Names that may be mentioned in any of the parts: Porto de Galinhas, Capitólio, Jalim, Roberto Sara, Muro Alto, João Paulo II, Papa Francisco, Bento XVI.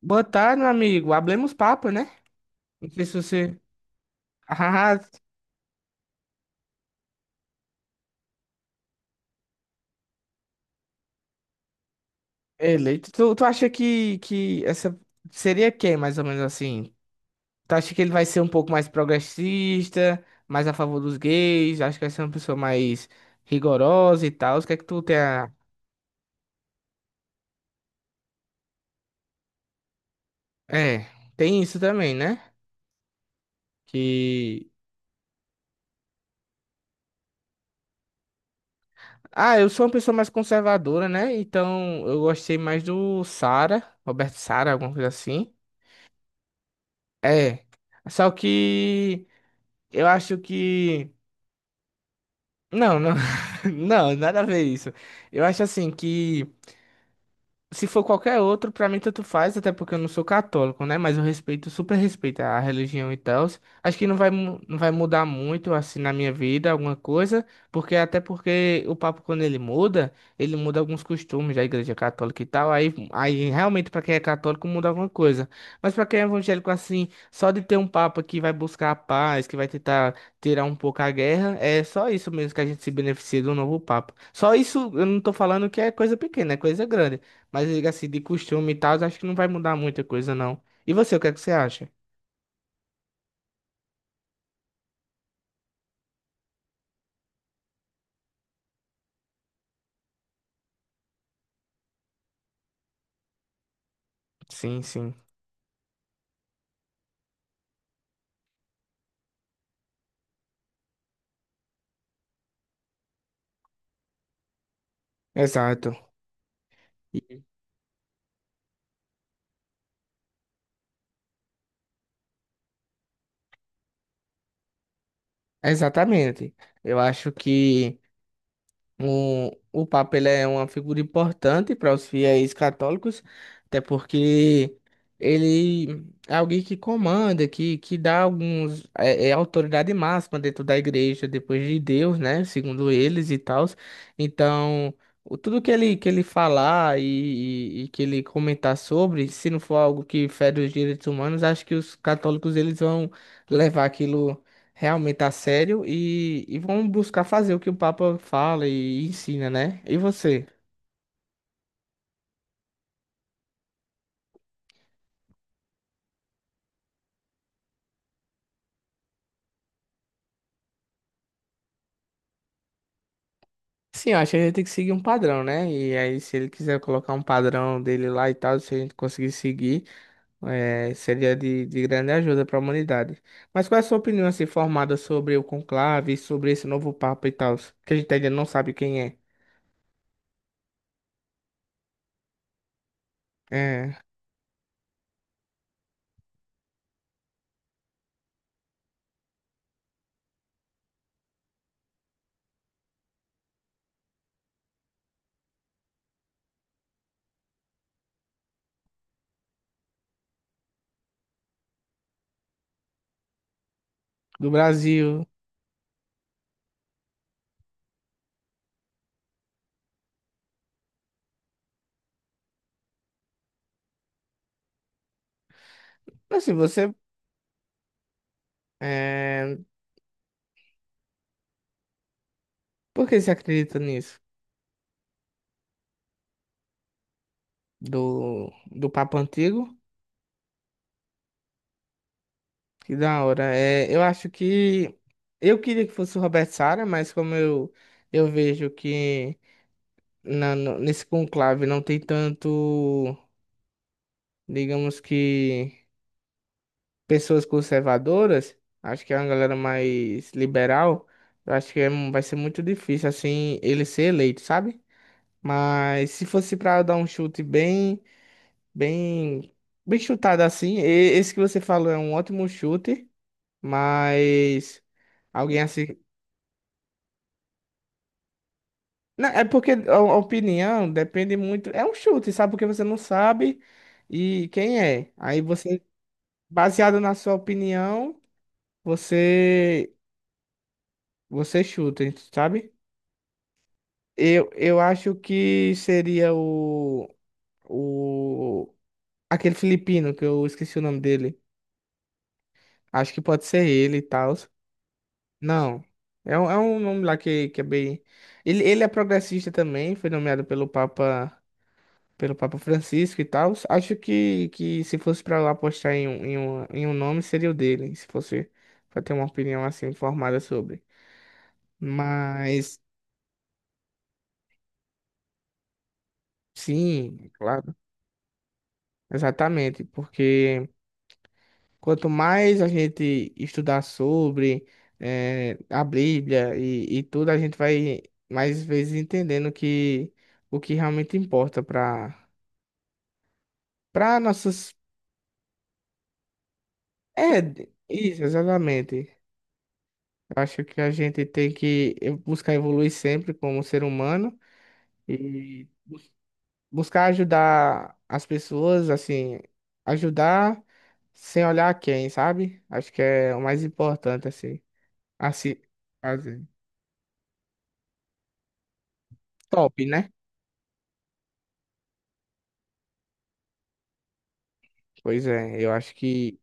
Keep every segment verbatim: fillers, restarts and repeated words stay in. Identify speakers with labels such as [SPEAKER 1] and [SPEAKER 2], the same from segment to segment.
[SPEAKER 1] Boa tarde, meu amigo. Hablemos papo, né? Não sei se você. Ah, eleito. Tu, tu acha que, que essa seria quem, mais ou menos assim? Tu acha que ele vai ser um pouco mais progressista, mais a favor dos gays? Acho que vai ser uma pessoa mais rigorosa e tal. O que é que tu tem a... É, tem isso também, né? Que. Ah, eu sou uma pessoa mais conservadora, né? Então eu gostei mais do Sara, Roberto Sara, alguma coisa assim. É. Só que eu acho que. Não, não, não, nada a ver isso. Eu acho assim que. Se for qualquer outro, pra mim tanto faz, até porque eu não sou católico, né? Mas eu respeito, super respeito a religião e tal. Acho que não vai, mu- não vai mudar muito, assim, na minha vida, alguma coisa, porque até porque o Papa, quando ele muda, ele muda alguns costumes da Igreja Católica e tal. Aí, aí realmente, pra quem é católico, muda alguma coisa. Mas pra quem é evangélico, assim, só de ter um Papa que vai buscar a paz, que vai tentar tirar um pouco a guerra, é só isso mesmo que a gente se beneficia do novo Papa. Só isso, eu não tô falando que é coisa pequena, é coisa grande. Mas eu assim, de costume e tal, acho que não vai mudar muita coisa, não. E você, o que é que você acha? Sim, sim. Exato. E- Exatamente. Eu acho que. O, o Papa ele é uma figura importante para os fiéis católicos, até porque ele é alguém que comanda, que, que dá alguns, é, é autoridade máxima dentro da igreja, depois de Deus, né? Segundo eles e tal. Então, o- tudo que ele, que ele falar e, e, e que ele comentar sobre, se não for algo que fere os direitos humanos, acho que os católicos eles vão levar aquilo realmente a sério e, e vão buscar fazer o que o Papa fala e ensina, né? E você? Sim, eu acho que a gente tem que seguir um padrão, né? E aí, se ele quiser colocar um padrão dele lá e tal, se a gente conseguir seguir, eh, seria de, de grande ajuda para a humanidade. Mas qual é a sua opinião, assim, formada sobre o conclave, sobre esse novo Papa e tal, que a gente ainda não sabe quem é, eh, do Brasil? Assim, você, eh, por que você acredita nisso? Do, do Papa antigo? Que da hora. É, eu acho que eu queria que fosse o Roberto Sara, mas como eu, eu vejo que na, no- nesse conclave não tem tanto, digamos que, pessoas conservadoras, acho que é uma galera mais liberal, eu acho que é mu- vai ser muito difícil, assim, ele ser eleito, sabe? Mas se fosse para dar um chute bem, bem, bem chutado assim, e- esse que você falou é um ótimo chute, mas... Alguém assim. Não, é porque a a opinião depende muito. É um chute, sabe? Porque você não sabe e quem é. Aí você, baseado na sua opinião, você você chuta, sabe? Eu, eu acho que seria o, o aquele filipino que eu esqueci o nome dele. Acho que pode ser ele e tal. Não. É um, é um nome lá que, que é bem. Ele, ele é progressista também, foi nomeado pelo Papa. Pelo Papa Francisco e tal. Acho que, que se fosse pra lá apostar em um, em um, em um nome, seria o dele, se fosse pra ter uma opinião assim formada sobre. Mas sim, é claro, exatamente, porque quanto mais a gente estudar sobre eh, a Bíblia e, e tudo, a gente vai mais vezes entendendo que o que realmente importa para para nossas. É, isso, exatamente. Eu acho que a gente tem que buscar evoluir sempre como ser humano e bus- buscar ajudar as pessoas, assim, ajudar sem olhar quem, sabe? Acho que é o mais importante, assim, a se fazer. Top, né? Pois é, eu acho que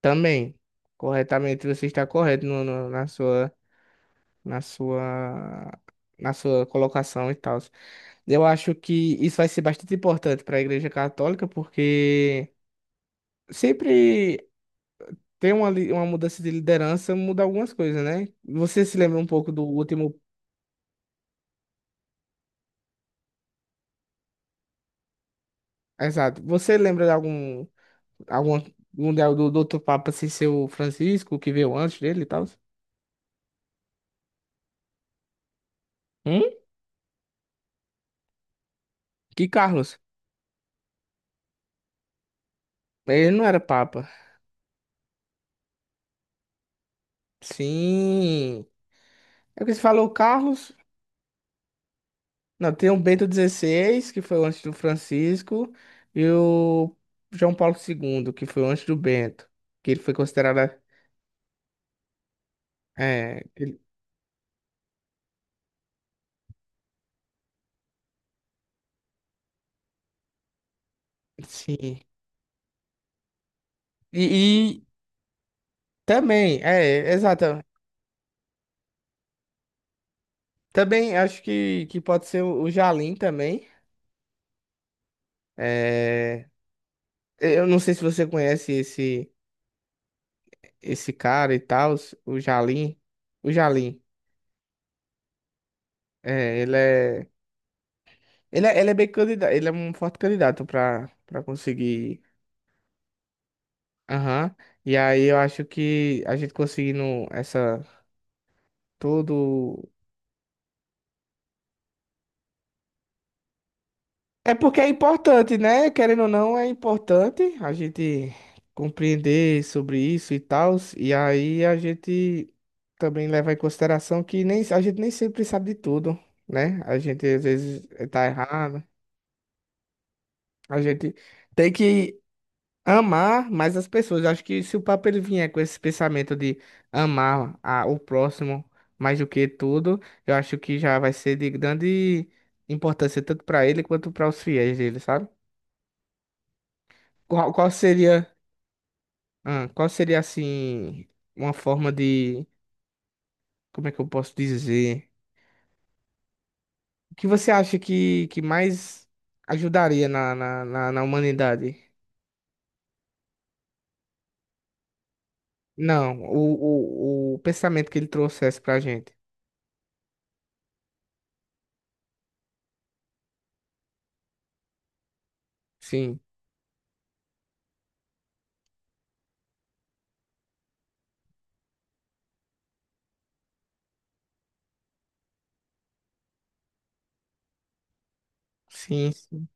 [SPEAKER 1] também, corretamente, você está correto no, no- na sua, na sua, na sua colocação e tal. Eu acho que isso vai ser bastante importante para a Igreja Católica, porque sempre tem uma, li- uma mudança de liderança, muda algumas coisas, né? Você se lembra um pouco do último. Exato. Você lembra de algum, algum, algum da- do, do outro Papa sem ser o Francisco, que veio antes dele e tal? Hum? Que Carlos? Ele não era Papa. Sim. É porque você falou Carlos. Não, tem o Bento dezesseis que foi antes do Francisco, e o João Paulo segundo que foi antes do Bento, que ele foi considerado. É, ele- sim. E, também, é, exato. Também acho que, que pode ser o o Jalim também. É, eu não sei se você conhece esse esse cara e tal, o Jalim. O Jalim, é, ele é ele é, ele é bem candidato, ele é um forte candidato para para conseguir. Aham. E aí eu acho que a gente conseguindo essa todo. É porque é importante, né? Querendo ou não, é importante a gente compreender sobre isso e tal. E aí a gente também leva em consideração que nem, a gente nem sempre sabe de tudo, né? A gente às vezes tá errado. A gente tem que amar mais as pessoas. Acho que se o Papa ele vier com esse pensamento de amar a- o próximo mais do que tudo, eu acho que já vai ser de grande importância tanto para ele quanto para os fiéis dele, sabe? Qual, qual seria, ah, qual seria assim, uma forma de, como é que eu posso dizer? O que você acha que, que mais ajudaria na, na, na, na humanidade? Não, o, o, o pensamento que ele trouxesse pra gente. Sim, sim, sim,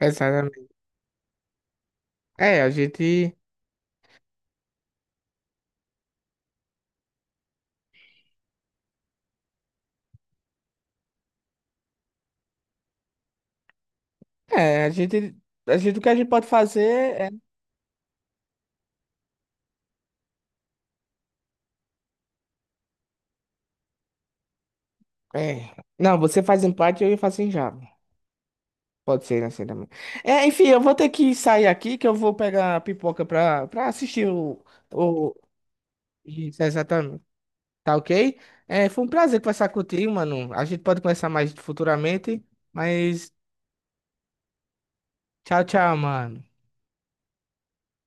[SPEAKER 1] exatamente. É, a gente, é, a gente, a gente, o que a gente pode fazer é, é. Não, você faz em parte e eu faço em Java. Pode ser, né, assim também. É, enfim, eu vou ter que sair aqui que eu vou pegar a pipoca pra, pra assistir o, o. Isso, exatamente. Tá ok? É, foi um prazer conversar contigo, mano. A gente pode conversar mais futuramente, mas tchau, tchau, mano.